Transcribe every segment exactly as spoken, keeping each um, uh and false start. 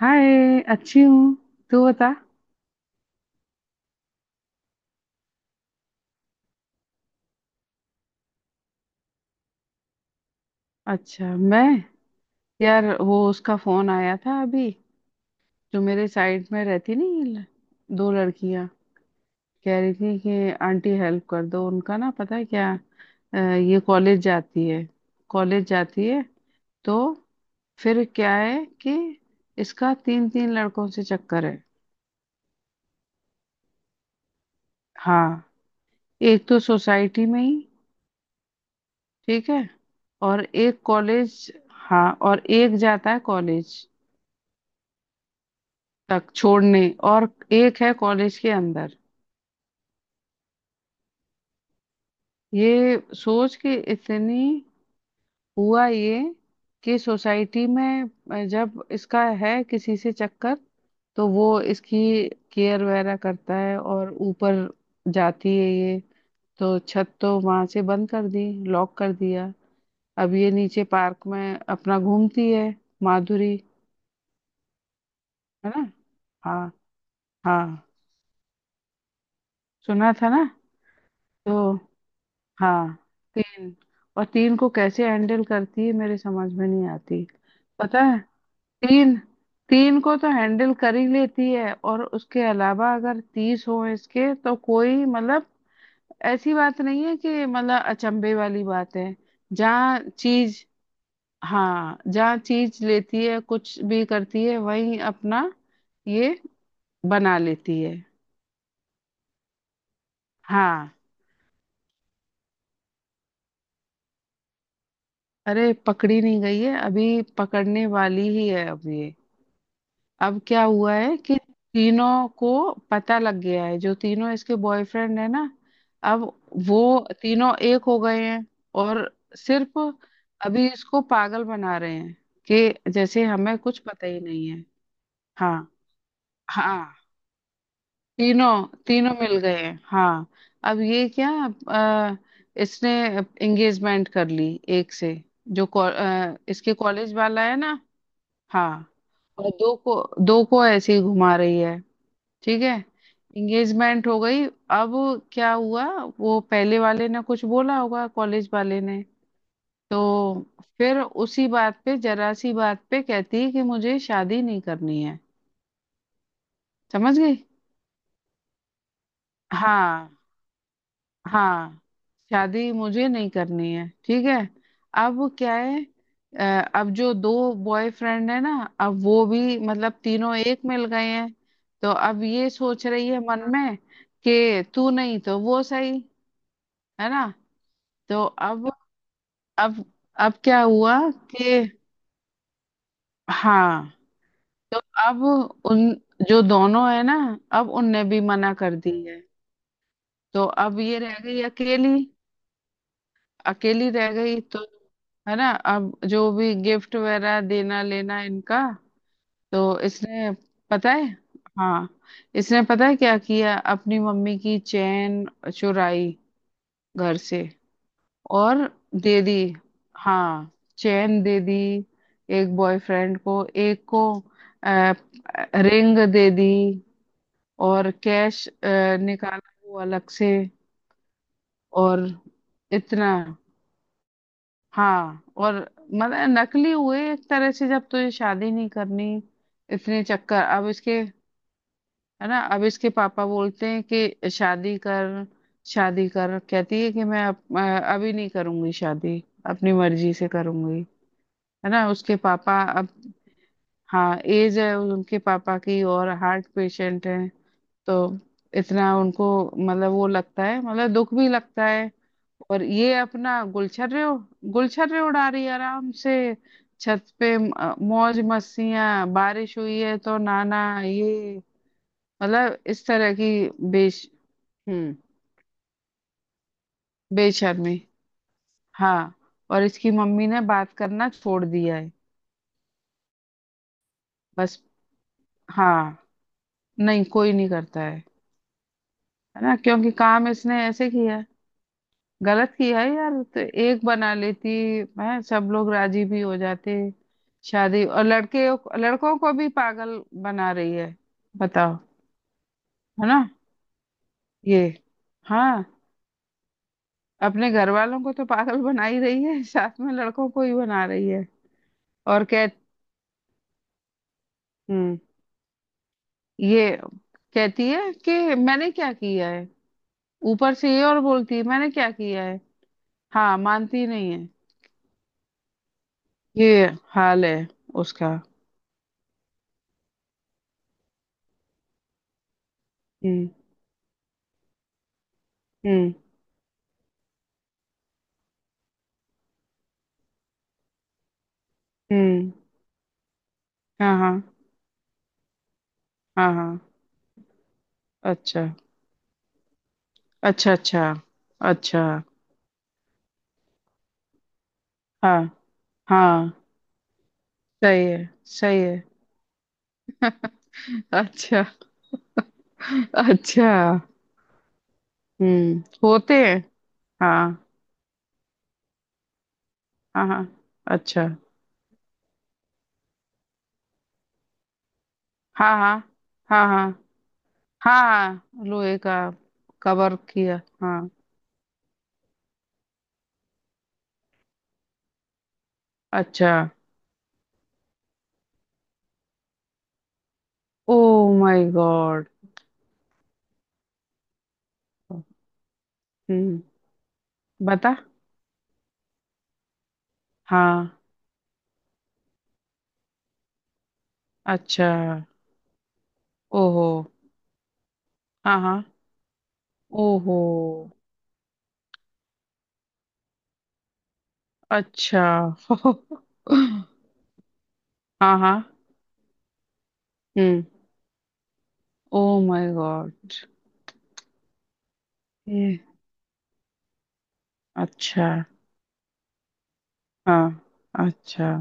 हाय, अच्छी हूँ। तू बता। अच्छा, मैं यार वो उसका फोन आया था अभी। जो मेरे साइड में रहती नहीं ल- दो लड़कियां कह रही थी कि आंटी हेल्प कर दो। उनका ना पता है क्या, अ, ये कॉलेज जाती है। कॉलेज जाती है तो फिर क्या है कि इसका तीन तीन लड़कों से चक्कर है। हाँ, एक तो सोसाइटी में ही, ठीक है, और एक कॉलेज, हाँ, और एक जाता है कॉलेज तक छोड़ने, और एक है कॉलेज के अंदर। ये सोच के इतनी हुआ ये कि सोसाइटी में अ, जब इसका है किसी से चक्कर, तो वो इसकी केयर वगैरह करता है, और ऊपर जाती है ये तो छत तो वहां से बंद कर दी, लॉक कर दिया। अब ये नीचे पार्क में अपना घूमती है, माधुरी। है ना। हाँ, हाँ, सुना था ना। तो हाँ, तीन, और तीन को कैसे हैंडल करती है मेरे समझ में नहीं आती। पता है, तीन, तीन को तो हैंडल कर ही लेती है, और उसके अलावा अगर तीस हो इसके तो कोई मतलब, ऐसी बात नहीं है कि मतलब अचंभे वाली बात है। जहाँ चीज, हाँ जहाँ चीज लेती है, कुछ भी करती है, वहीं अपना ये बना लेती है। हाँ। अरे, पकड़ी नहीं गई है, अभी पकड़ने वाली ही है। अब ये, अब क्या हुआ है कि तीनों को पता लग गया है, जो तीनों इसके बॉयफ्रेंड है ना, अब वो तीनों एक हो गए हैं, और सिर्फ अभी इसको पागल बना रहे हैं कि जैसे हमें कुछ पता ही नहीं है। हाँ, हाँ, तीनों तीनों मिल गए हैं। हाँ। अब ये क्या, अ, इसने एंगेजमेंट कर ली एक से, जो को, अ, इसके कॉलेज वाला है ना। हाँ। और दो को, दो को ऐसे ही घुमा रही है, ठीक है। एंगेजमेंट हो गई। अब क्या हुआ, वो पहले वाले ने कुछ बोला होगा कॉलेज वाले ने, तो फिर उसी बात पे, जरा सी बात पे कहती है कि मुझे शादी नहीं करनी है। समझ गई। हाँ, हाँ, शादी मुझे नहीं करनी है, ठीक है। अब क्या है, अ, अब जो दो बॉयफ्रेंड है ना, अब वो भी मतलब तीनों एक मिल गए हैं, तो अब ये सोच रही है मन में कि तू नहीं तो वो सही। है ना। तो अब, अब अब क्या हुआ कि, हाँ, तो अब उन, जो दोनों है ना, अब उनने भी मना कर दी है, तो अब ये रह गई अकेली। अकेली रह गई तो, है ना, अब जो भी गिफ्ट वगैरह देना लेना इनका, तो इसने, पता है, हाँ, इसने पता है क्या किया, अपनी मम्मी की चेन चुराई घर से, और दे दी, हाँ, चैन दे दी एक बॉयफ्रेंड को, एक को रिंग दे दी, और कैश निकाला वो अलग से। और इतना, हाँ, और मतलब नकली हुए एक तरह से, जब तुझे शादी नहीं करनी। इतने चक्कर अब इसके। है ना। अब इसके पापा बोलते हैं कि शादी कर, शादी कर, कहती है कि मैं अब- अ, अभी नहीं करूंगी शादी, अपनी मर्जी से करूंगी। है ना। उसके पापा अब, हाँ, एज है उनके पापा की और हार्ट पेशेंट है। तो इतना उनको, मतलब वो लगता है, मतलब दुख भी लगता है, और ये अपना गुलछर्रे, गुलछर्रे उड़ा रही है आराम से। छत पे म- मौज मस्तियां, बारिश हुई है तो नाना ये, मतलब इस तरह की बेश हम्म बेशर्मी। हाँ। और इसकी मम्मी ने बात करना छोड़ दिया है। बस। हाँ, नहीं, कोई नहीं करता है। है ना, क्योंकि काम इसने ऐसे किया है, गलत किया है यार। तो एक बना लेती, है, सब लोग राजी भी हो जाते, शादी, और लड़के, लड़कों को भी पागल बना रही है। बताओ। है ना। ये, हाँ, अपने घर वालों को तो पागल बना ही रही है, साथ में लड़कों को ही बना रही है। और कह, हम्म, ये कहती है कि मैंने क्या किया है। ऊपर से ये और बोलती है, मैंने क्या किया है। हाँ, मानती नहीं है। ये हाल है उसका। हम्म। हम्म। हम्म। हाँ, हाँ, हाँ, हाँ। अच्छा, अच्छा, अच्छा। अच्छा। हाँ, हाँ। सही है, सही है। अच्छा, अच्छा। हम्म, होते हैं। हाँ, हाँ, हाँ। अच्छा। हाँ, हाँ, हाँ, हाँ। हाँ, हाँ, लोहे का। कवर किया। हाँ। अच्छा। Oh my god. हम्म, बता। हाँ। अच्छा। ओहो। हाँ, हाँ। ओहो। अच्छा। हाँ, हाँ। हम्म। Oh my god. ये, अच्छा, हाँ। अच्छा।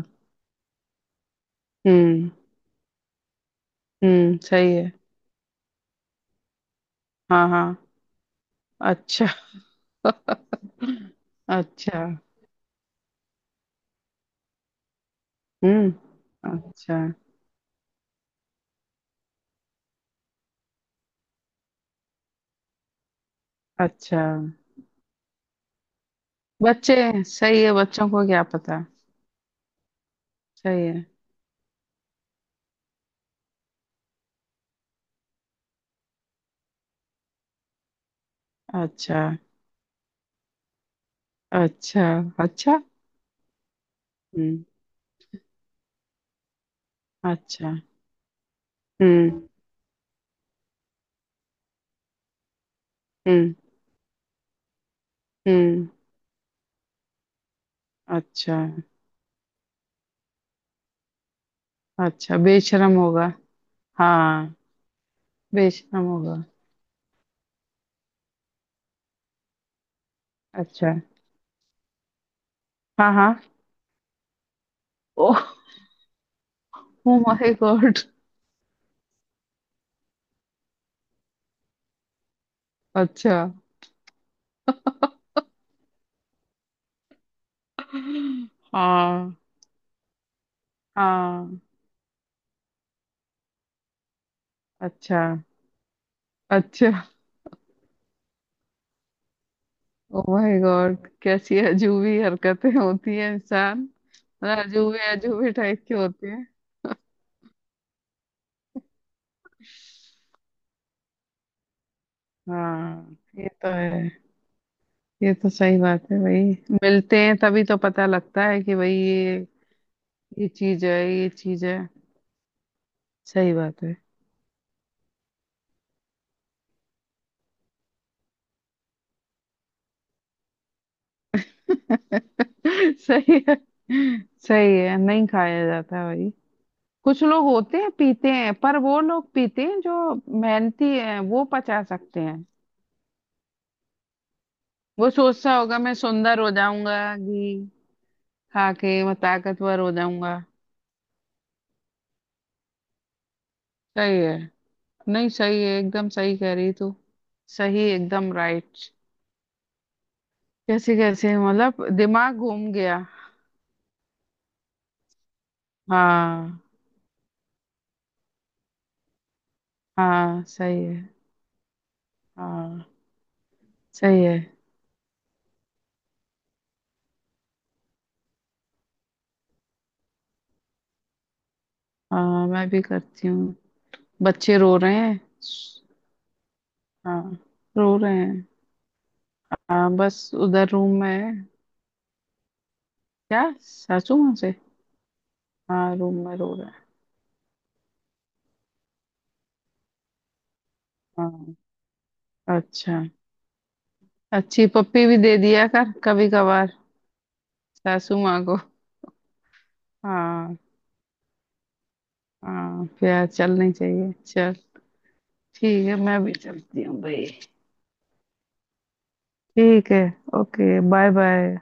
हम्म। हम्म, सही है। हाँ, हाँ। अच्छा। अच्छा। हम्म। अच्छा, अच्छा, बच्चे। सही है, बच्चों को क्या पता। सही है। अच्छा, अच्छा, अच्छा। हम्म। अच्छा। हम्म, हम्म, हम्म। अच्छा। अच्छा, बेशरम होगा। हाँ। बेशरम होगा। अच्छा। हाँ, हाँ। ओह। Oh my god. अच्छा। हाँ, हाँ। अच्छा। अच्छा। ओ माय गॉड, कैसी अजूबी हरकतें होती है इंसान, मतलब अजूबे अजूबे टाइप के होते हैं। हाँ, ये तो है। ये तो सही बात है भाई। मिलते हैं तभी तो पता लगता है कि भाई ये ये चीज है, ये चीज है। सही बात है। सही है। सही है, नहीं खाया जाता भाई। कुछ लोग होते हैं, पीते हैं, पर वो लोग पीते हैं जो मेहनती हैं, वो पचा सकते हैं। वो सोचता होगा मैं सुंदर हो जाऊंगा, घी खा के मैं ताकतवर हो जाऊंगा। सही है। नहीं, सही है, एकदम सही कह रही तू। सही, एकदम राइट। कैसे कैसे, मतलब दिमाग घूम गया। हाँ। हाँ, सही है। हाँ, सही है। हाँ, मैं भी करती हूँ। बच्चे रो रहे हैं। हाँ, रो रहे हैं। हाँ, बस उधर रूम में है। क्या सासू माँ से। हाँ, रूम में रो रहा है। हाँ। अच्छा। अच्छी पप्पी भी दे दिया कर कभी कभार सासू माँ को। हाँ, हाँ, प्यार चलनी चाहिए, चल, ठीक है, मैं भी चलती हूँ भाई। ठीक है। Okay, bye bye.